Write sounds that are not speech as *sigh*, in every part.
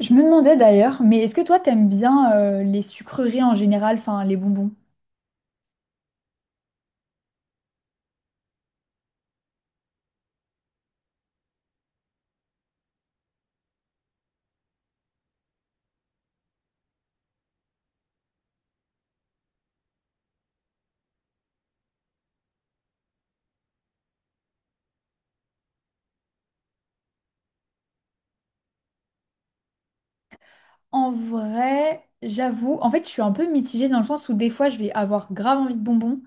Je me demandais d'ailleurs, mais est-ce que toi t'aimes bien les sucreries en général, enfin les bonbons? En vrai, j'avoue, en fait, je suis un peu mitigée dans le sens où des fois, je vais avoir grave envie de bonbons,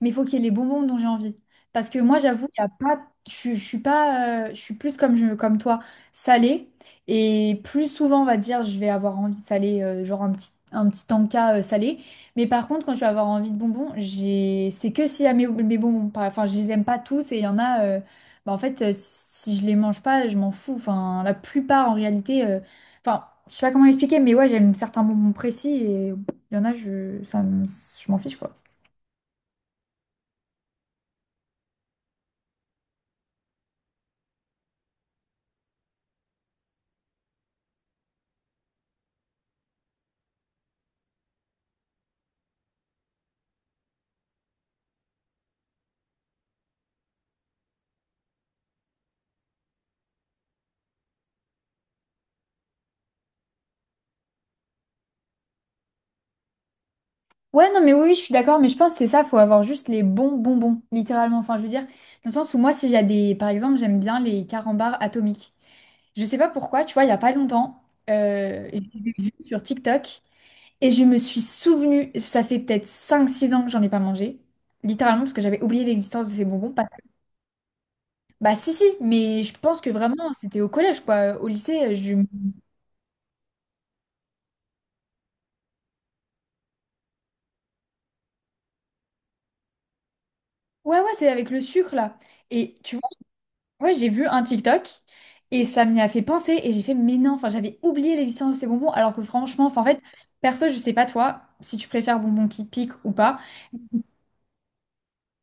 mais il faut qu'il y ait les bonbons dont j'ai envie. Parce que moi, j'avoue, il y a pas, je suis pas, je suis plus comme, comme toi, salée. Et plus souvent, on va dire, je vais avoir envie de salé, genre un petit tanka salé. Mais par contre, quand je vais avoir envie de bonbons, c'est que s'il y a mes bonbons. Enfin, je les aime pas tous et il y en a, bah, en fait, si je les mange pas, je m'en fous. Enfin, la plupart, en réalité. Enfin, je sais pas comment expliquer, mais ouais, j'aime certains moments précis et il y en a, je m'en fiche, quoi. Ouais, non, mais oui, oui, je suis d'accord, mais je pense que c'est ça, faut avoir juste les bons bonbons, littéralement. Enfin, je veux dire, dans le sens où moi, si j'ai des. Par exemple, j'aime bien les carambars atomiques. Je sais pas pourquoi, tu vois, il y a pas longtemps, je les ai vus sur TikTok et je me suis souvenue. Ça fait peut-être 5, 6 ans que j'en ai pas mangé, littéralement, parce que j'avais oublié l'existence de ces bonbons. Parce que... Bah, si, si, mais je pense que vraiment, c'était au collège, quoi. Au lycée, je. Ouais, ouais, c'est avec le sucre là. Et tu vois, ouais, j'ai vu un TikTok et ça m'y a fait penser et j'ai fait, mais non, enfin, j'avais oublié l'existence de ces bonbons alors que franchement, enfin, en fait, perso, je sais pas toi si tu préfères bonbons qui piquent ou pas.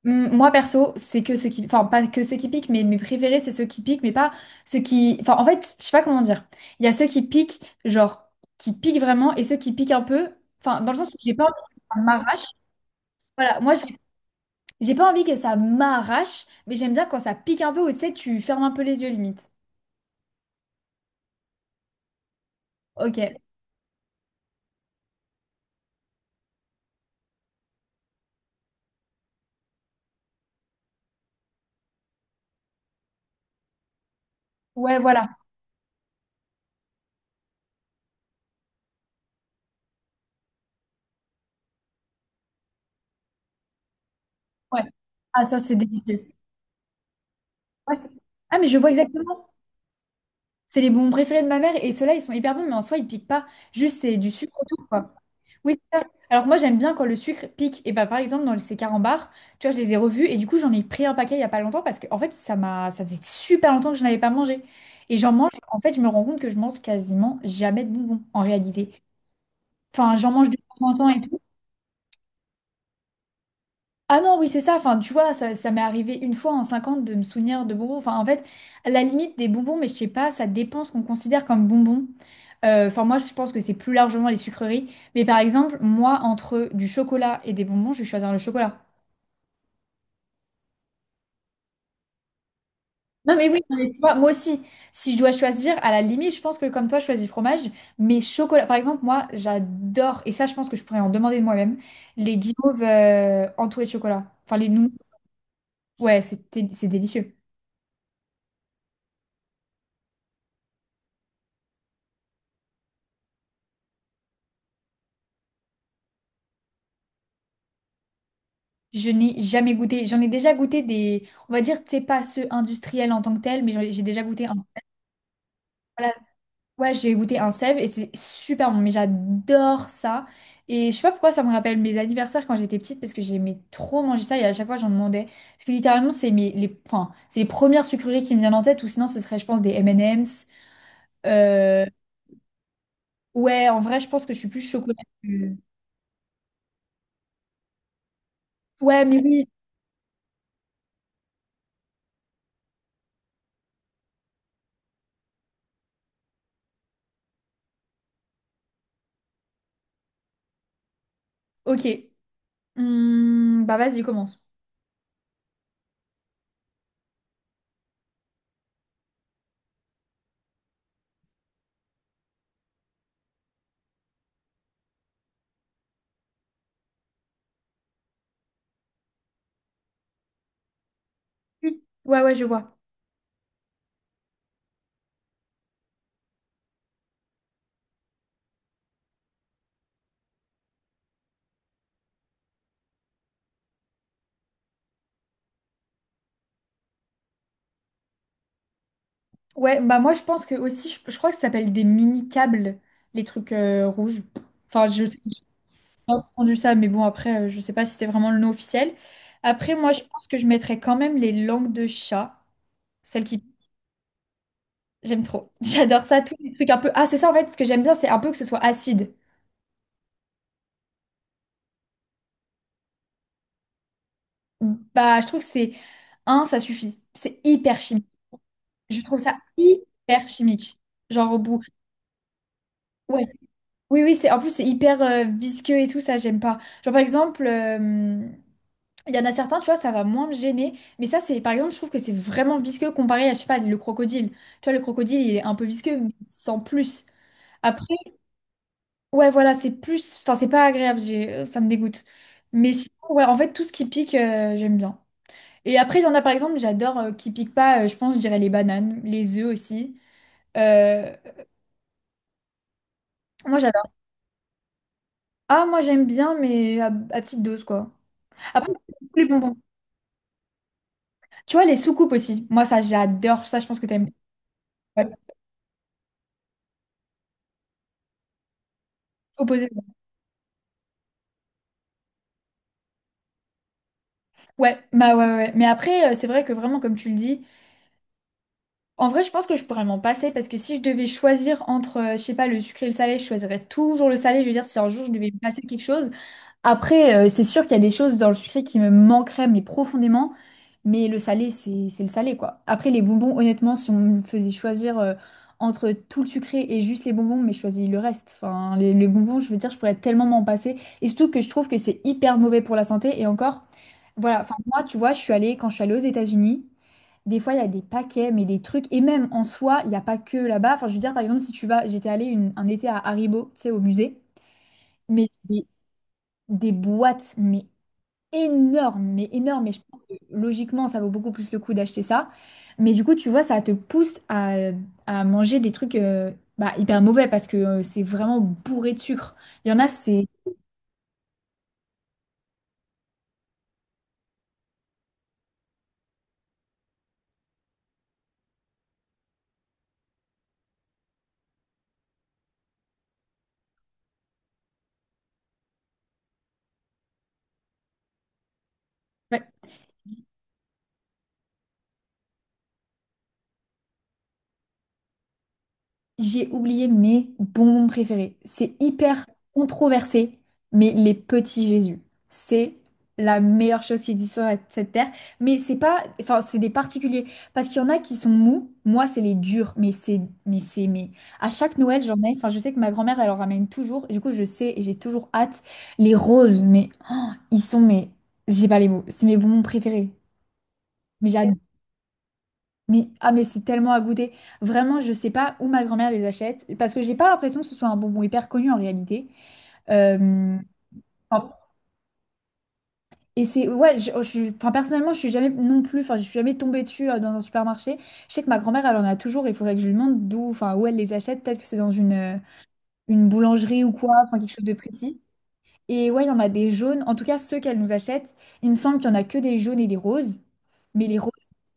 Moi, perso, c'est que ceux qui, enfin, pas que ceux qui piquent, mais mes préférés, c'est ceux qui piquent, mais pas ceux qui, enfin, en fait, je sais pas comment dire. Il y a ceux qui piquent, genre, qui piquent vraiment et ceux qui piquent un peu, enfin, dans le sens où j'ai pas envie que ça m'arrache. Voilà, moi, je J'ai pas envie que ça m'arrache, mais j'aime bien quand ça pique un peu ou tu sais, tu fermes un peu les yeux limite. Ok. Ouais, voilà. Ouais. Ah, ça, c'est délicieux. Ouais. Ah, mais je vois exactement. C'est les bonbons préférés de ma mère et ceux-là, ils sont hyper bons, mais en soi, ils piquent pas. Juste, c'est du sucre autour, quoi. Oui, c'est ça. Alors que moi, j'aime bien quand le sucre pique. Et bah, par exemple, dans ces carambars, tu vois, je les ai revus et du coup, j'en ai pris un paquet il y a pas longtemps parce que, en fait, ça m'a... ça faisait super longtemps que je n'avais pas mangé. Et j'en mange, en fait, je me rends compte que je mange quasiment jamais de bonbons en réalité. Enfin, j'en mange de temps en temps et tout. Ah non, oui, c'est ça. Enfin, tu vois, ça m'est arrivé une fois en 50 de me souvenir de bonbons. Enfin, en fait, à la limite des bonbons, mais je sais pas, ça dépend ce qu'on considère comme bonbons. Enfin, moi, je pense que c'est plus largement les sucreries. Mais par exemple, moi, entre du chocolat et des bonbons, je vais choisir le chocolat. Non, mais oui, non, mais tu vois, moi aussi, si je dois choisir, à la limite, je pense que comme toi, je choisis fromage, mais chocolat. Par exemple, moi, j'adore, et ça, je pense que je pourrais en demander de moi-même, les guimauves entourées de chocolat. Enfin, les noix. Ouais, c'était, c'est délicieux. Je n'ai jamais goûté. J'en ai déjà goûté des. On va dire, tu sais, pas ceux industriels en tant que tel, mais j'ai déjà goûté un. Voilà. Ouais, j'ai goûté un sève et c'est super bon. Mais j'adore ça. Et je sais pas pourquoi ça me rappelle mes anniversaires quand j'étais petite parce que j'aimais trop manger ça et à chaque fois j'en demandais. Parce que littéralement, c'est mes, les, enfin, c'est les premières sucreries qui me viennent en tête ou sinon ce serait, je pense, des M&M's. Ouais, en vrai, je pense que je suis plus chocolat. que-. Ouais, mais oui, ok. Bah vas-y, commence. Oui. Ouais, ouais, je vois. Ouais, bah moi, je pense que aussi, je crois que ça s'appelle des mini-câbles, les trucs rouges. Enfin, je sais, j'ai pas entendu ça, mais bon, après, je sais pas si c'est vraiment le nom officiel. Après, moi, je pense que je mettrais quand même les langues de chat, celles qui... J'aime trop. *laughs* J'adore ça, tous les trucs un peu... Ah, c'est ça, en fait, ce que j'aime bien, c'est un peu que ce soit acide. Bah, je trouve que c'est... Un, ça suffit. C'est hyper chimique. Je trouve ça hyper chimique. Genre au bout. Ouais. Oui, oui, c'est en plus c'est hyper visqueux et tout, ça j'aime pas. Genre par exemple, il y en a certains, tu vois, ça va moins me gêner. Mais ça, c'est par exemple, je trouve que c'est vraiment visqueux comparé à, je sais pas, le crocodile. Tu vois, le crocodile, il est un peu visqueux, mais sans plus. Après, ouais, voilà, c'est plus. Enfin, c'est pas agréable, ça me dégoûte. Mais sinon, ouais, en fait, tout ce qui pique, j'aime bien. Et après, il y en a par exemple, j'adore qui pique pas, je pense, je dirais les bananes, les œufs aussi. Euh, Moi, j'adore. Ah, moi j'aime bien, mais à petite dose, quoi. Après, les bonbons. Tu vois, les soucoupes aussi. Moi, ça, j'adore. Ça, je pense que t'aimes. Ouais, opposé. Ouais, bah ouais, ouais. Ouais. Mais après, c'est vrai que vraiment, comme tu le dis, en vrai, je pense que je pourrais m'en passer parce que si je devais choisir entre, je sais pas, le sucré et le salé, je choisirais toujours le salé. Je veux dire, si un jour je devais me passer quelque chose. Après, c'est sûr qu'il y a des choses dans le sucré qui me manqueraient, mais profondément. Mais le salé, c'est le salé, quoi. Après, les bonbons, honnêtement, si on me faisait choisir entre tout le sucré et juste les bonbons, mais je choisis le reste. Enfin, les bonbons, je veux dire, je pourrais tellement m'en passer. Et surtout que je trouve que c'est hyper mauvais pour la santé. Et encore, voilà, enfin, moi, tu vois, je suis allée, quand je suis allée aux États-Unis, des fois, il y a des paquets, mais des trucs. Et même en soi, il n'y a pas que là-bas. Enfin, je veux dire, par exemple, si tu vas, j'étais allée un été à Haribo, tu sais, au musée. Mais des boîtes, mais énorme, mais énorme. Et je pense que logiquement, ça vaut beaucoup plus le coup d'acheter ça. Mais du coup, tu vois, ça te pousse à manger des trucs bah, hyper mauvais parce que c'est vraiment bourré de sucre. Il y en a, c'est... ouais. J'ai oublié mes bonbons préférés. C'est hyper controversé, mais les petits Jésus, c'est la meilleure chose qui existe sur cette terre. Mais c'est pas, enfin, c'est des particuliers parce qu'il y en a qui sont mous. Moi, c'est les durs, mais à chaque Noël, j'en ai. Enfin, je sais que ma grand-mère, elle en ramène toujours. Du coup, je sais et j'ai toujours hâte. Les roses, mais oh, ils sont, mais j'ai pas les mots. C'est mes bonbons préférés. Mais j'adore. Mais, ah mais c'est tellement à goûter. Vraiment, je sais pas où ma grand-mère les achète parce que j'ai pas l'impression que ce soit un bonbon hyper connu en réalité. Euh, enfin, et c'est ouais, enfin, personnellement, je suis jamais non plus, enfin, je suis jamais tombée dessus dans un supermarché. Je sais que ma grand-mère, elle en a toujours. Il faudrait que je lui demande d'où, enfin, où elle les achète. Peut-être que c'est dans une boulangerie ou quoi, enfin quelque chose de précis. Et ouais, il y en a des jaunes. En tout cas, ceux qu'elle nous achète, il me semble qu'il n'y en a que des jaunes et des roses. Mais les roses,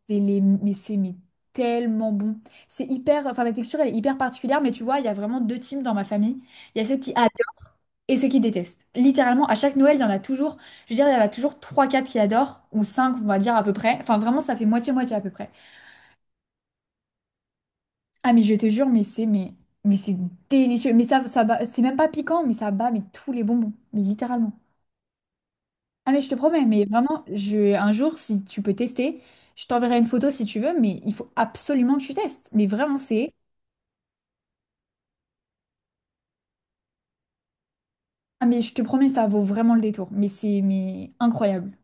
c'est les... mais tellement bon. C'est hyper... Enfin, la texture, elle est hyper particulière. Mais tu vois, il y a vraiment deux teams dans ma famille. Il y a ceux qui adorent et ceux qui détestent. Littéralement, à chaque Noël, il y en a toujours... Je veux dire, il y en a toujours trois, quatre qui adorent. Ou cinq, on va dire, à peu près. Enfin, vraiment, ça fait moitié-moitié à peu près. Ah, mais je te jure, mais c'est... Mais c'est délicieux. Mais ça bat- C'est même pas piquant, mais ça bat mais tous les bonbons. Mais littéralement. Ah mais je te promets, mais vraiment, un jour, si tu peux tester, je t'enverrai une photo si tu veux, mais il faut absolument que tu testes. Mais vraiment, c'est... Ah mais je te promets, ça vaut vraiment le détour. Mais c'est mais incroyable.